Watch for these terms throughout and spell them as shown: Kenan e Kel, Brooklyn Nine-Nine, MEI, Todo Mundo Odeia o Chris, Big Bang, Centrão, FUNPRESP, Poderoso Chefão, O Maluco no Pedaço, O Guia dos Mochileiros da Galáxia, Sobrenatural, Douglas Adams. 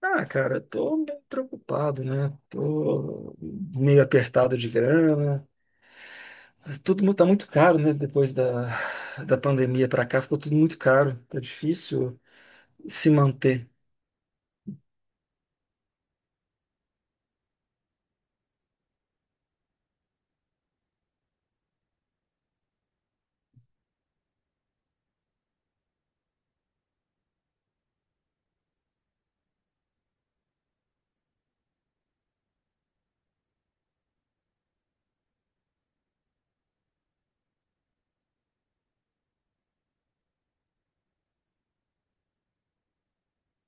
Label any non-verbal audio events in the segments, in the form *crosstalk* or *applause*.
Ah, cara, eu tô bem preocupado, né? Tô meio apertado de grana. Tá muito caro, né? Da pandemia pra cá, ficou tudo muito caro. Tá difícil se manter.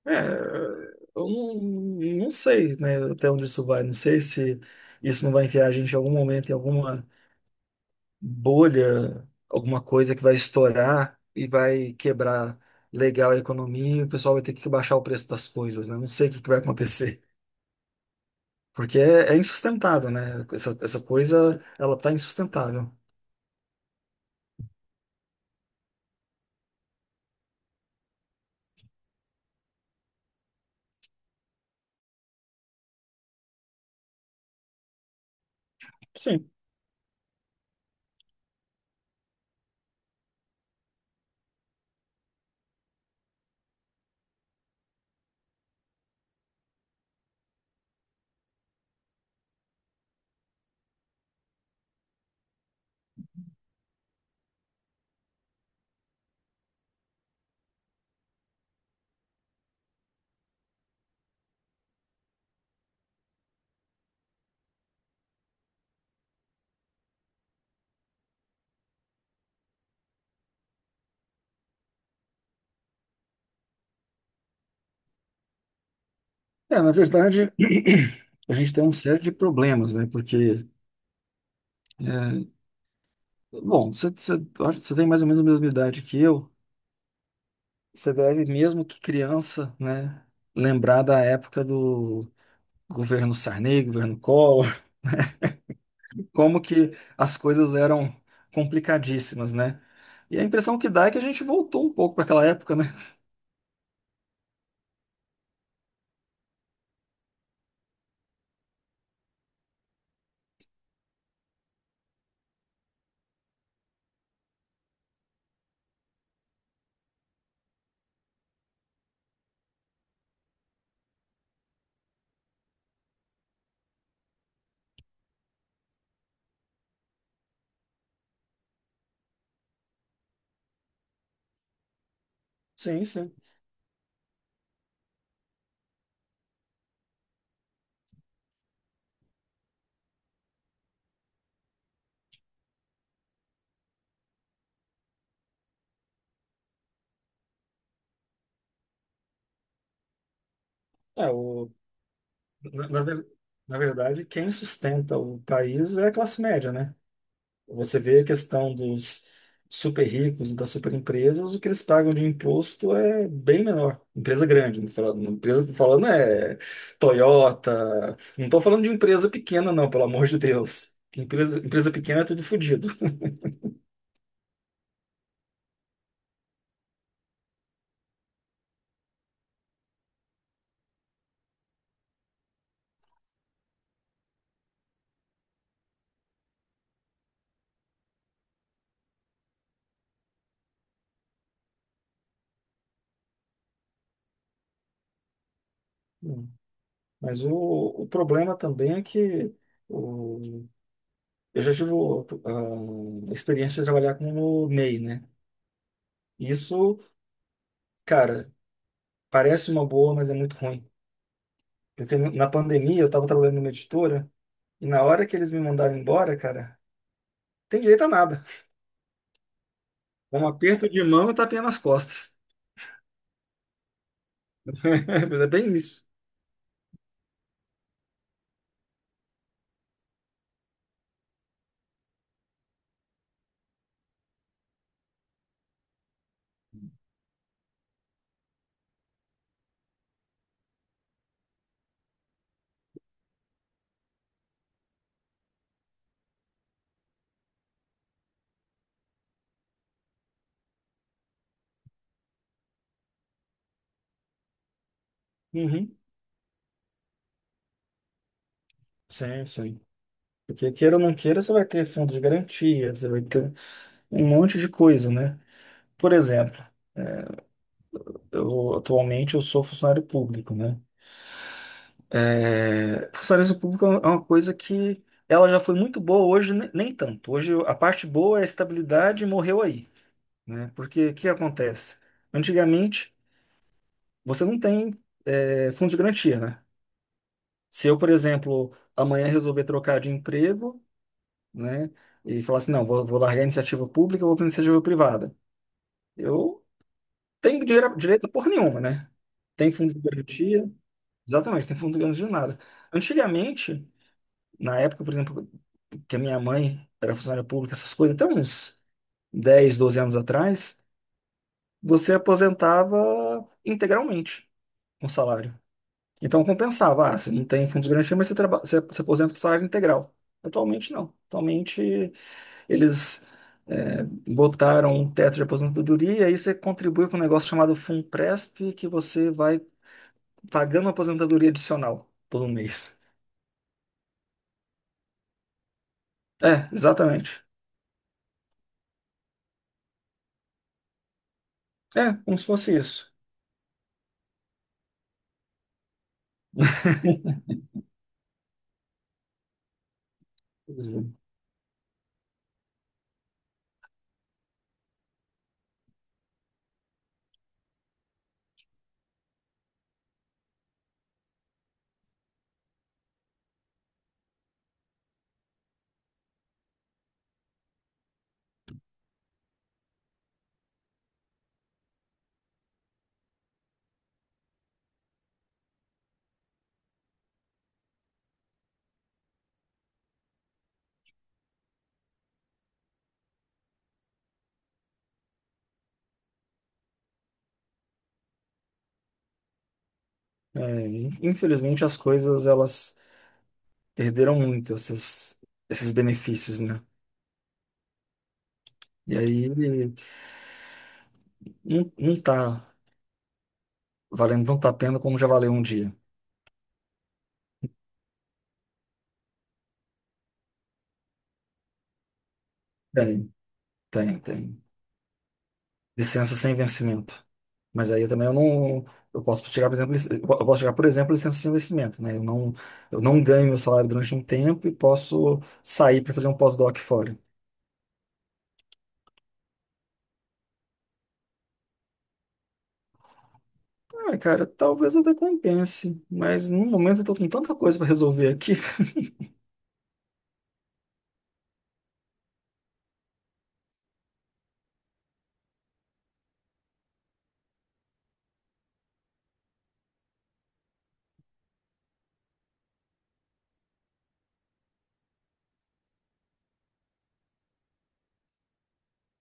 É, eu não, Não sei, né? Até onde isso vai. Não sei se isso não vai enfiar a gente em algum momento em alguma bolha, alguma coisa que vai estourar e vai quebrar legal a economia e o pessoal vai ter que baixar o preço das coisas, né? Não sei o que que vai acontecer. Porque é insustentável, né? Essa coisa, ela tá insustentável. Sim. É, na verdade, *clears throat* a gente tem uma série de problemas, né? É, bom, você, você, eu acho que você tem mais ou menos a mesma idade que eu. Você deve, mesmo que criança, né? Lembrar da época do governo Sarney, governo Collor, *laughs* como que as coisas eram complicadíssimas, né? E a impressão que dá é que a gente voltou um pouco para aquela época, né? Sim, sim. É, o Na, na ver- Na verdade, quem sustenta o país é a classe média, né? Você vê a questão dos super ricos e das super empresas, o que eles pagam de imposto é bem menor. Empresa grande, não tô falando, empresa tô falando é Toyota. Não estou falando de empresa pequena, não, pelo amor de Deus. Que empresa, empresa pequena é tudo fodido. Hum. Mas o problema também é que o- eu já tive a experiência de trabalhar com o MEI, né? Isso, cara. Parece uma boa, mas é muito ruim. Porque na pandemia eu estava trabalhando numa editora e na hora que eles me mandaram embora, cara, tem direito a nada. É um aperto de mão e tapinha nas costas. *laughs* Mas é bem isso. Uhum. Sim, sim. Porque queira ou não queira, você vai ter fundo de garantia, você vai ter um monte de coisa, né? Por exemplo, eu atualmente eu sou funcionário público, né? É, funcionário público é uma coisa que ela já foi muito boa, hoje nem tanto. Hoje a parte boa é a estabilidade morreu aí. Né? Porque o que acontece? Antigamente, você não tem fundo de garantia, né? Se eu, por exemplo, amanhã resolver trocar de emprego, né, e falar assim, não, vou largar a iniciativa pública, vou para a iniciativa privada, eu tenho dinheiro, direito a porra nenhuma, né? Tem fundo de garantia, exatamente, tem fundo de garantia de nada. Antigamente, na época, por exemplo, que a minha mãe era funcionária pública, essas coisas, até uns 10 12 anos atrás, você aposentava integralmente com salário. Então compensava, ah, você não tem fundos de garantia, mas você, você aposenta com salário integral. Atualmente não. Atualmente eles botaram um teto de aposentadoria e aí você contribui com um negócio chamado FUNPRESP que você vai pagando aposentadoria adicional todo mês. É, exatamente. É, como se fosse isso. Quer dizer, infelizmente as coisas elas perderam muito essas, esses benefícios, né? E aí não, não tá valendo tanto a pena como já valeu um dia. Tem, tem, tem. Licença sem vencimento. Mas aí eu também eu não. Eu posso tirar, por exemplo, eu posso tirar, por exemplo, licença sem vencimento, né? Eu não ganho meu salário durante um tempo e posso sair para fazer um pós-doc fora. Ah, cara, talvez até compense, mas no momento eu tô com tanta coisa para resolver aqui. *laughs*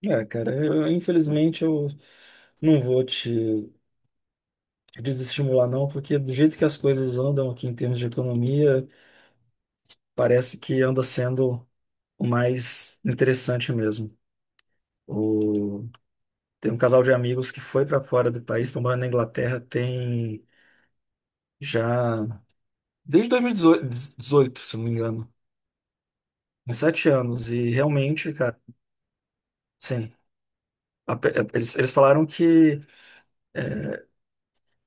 É, cara, infelizmente eu não vou te desestimular, não, porque do jeito que as coisas andam aqui em termos de economia, parece que anda sendo o mais interessante mesmo. O... Tem um casal de amigos que foi para fora do país, estão morando na Inglaterra, tem já desde 2018 se não me engano, uns sete anos. E realmente, cara, sim. a pe- é, Eles falaram que é,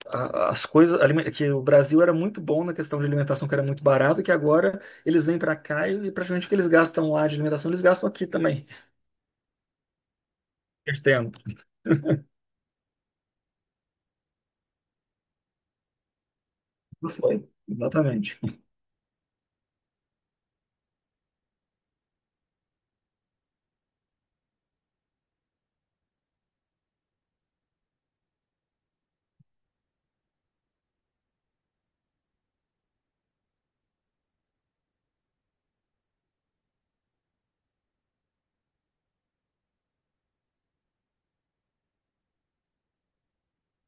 as coisas, que o Brasil era muito bom na questão de alimentação, que era muito barato, e que agora eles vêm para cá e praticamente o que eles gastam lá de alimentação, eles gastam aqui também, perdendo. Não foi? Exatamente.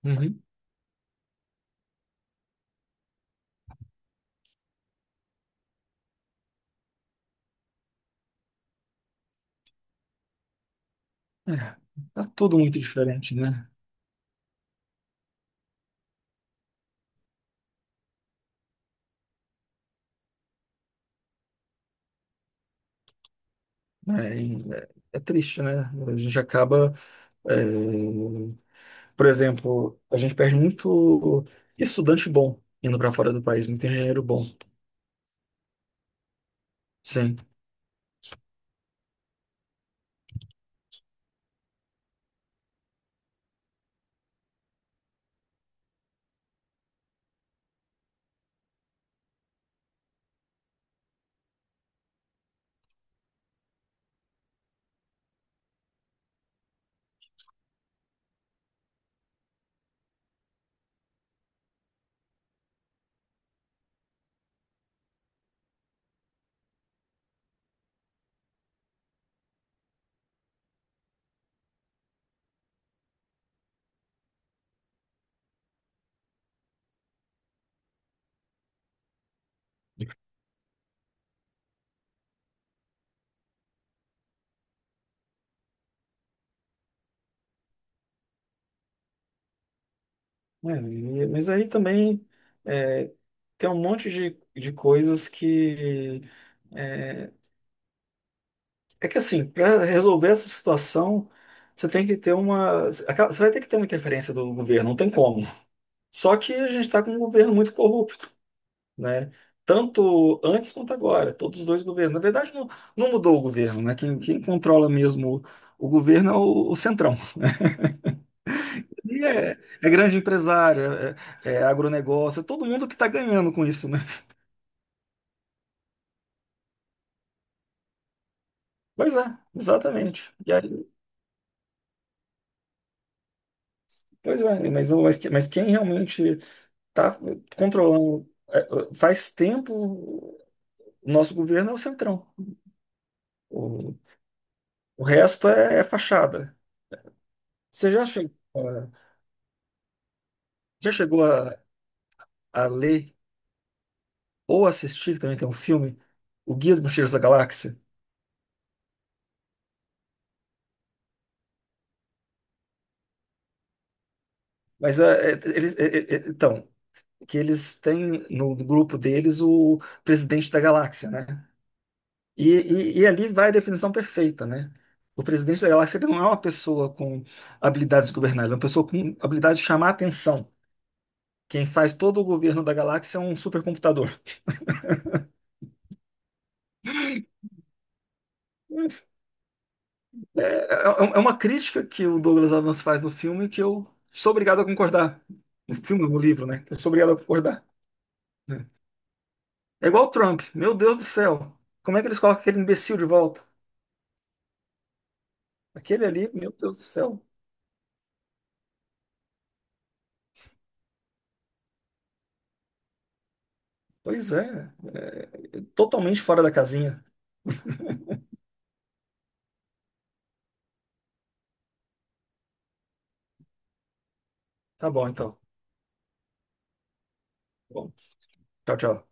Uhum. É, tá tudo muito diferente, né? É, é triste, né? A gente acaba, é, por exemplo, a gente perde muito estudante bom indo para fora do país, muito engenheiro bom, sim. Mas aí também é, tem um monte de coisas que é, é que assim, para resolver essa situação, você vai ter que ter uma interferência do governo, não tem como. Só que a gente está com um governo muito corrupto. Né? Tanto antes quanto agora, todos os dois governos. Na verdade, não, não mudou o governo, né? Quem controla mesmo o governo é o Centrão. E é, É grande empresário, é agronegócio, é todo mundo que está ganhando com isso, né? Pois é, exatamente. E aí, pois é, mas, não- mas, que- mas quem realmente está controlando faz tempo o nosso governo é o Centrão. O, o resto é fachada. Você já chegou, a- Já chegou a ler? Ou assistir também, tem um filme, O Guia dos Mochileiros da Galáxia. Mas é, é, eles, é, é, é, então, Que eles têm no grupo deles o presidente da galáxia, né? E ali vai a definição perfeita, né? O presidente da galáxia ele não é uma pessoa com habilidades governais, ele é uma pessoa com habilidade de chamar a atenção. Quem faz todo o governo da galáxia é um supercomputador. É, é, é uma crítica que o Douglas Adams faz no filme que eu sou obrigado a concordar. No filme, no livro, né? Eu sou obrigado a concordar. É igual o Trump. Meu Deus do céu. Como é que eles colocam aquele imbecil de volta? Aquele ali, meu Deus do céu. Pois é. É totalmente fora da casinha. Tá bom, então. Bom, tchau, tchau.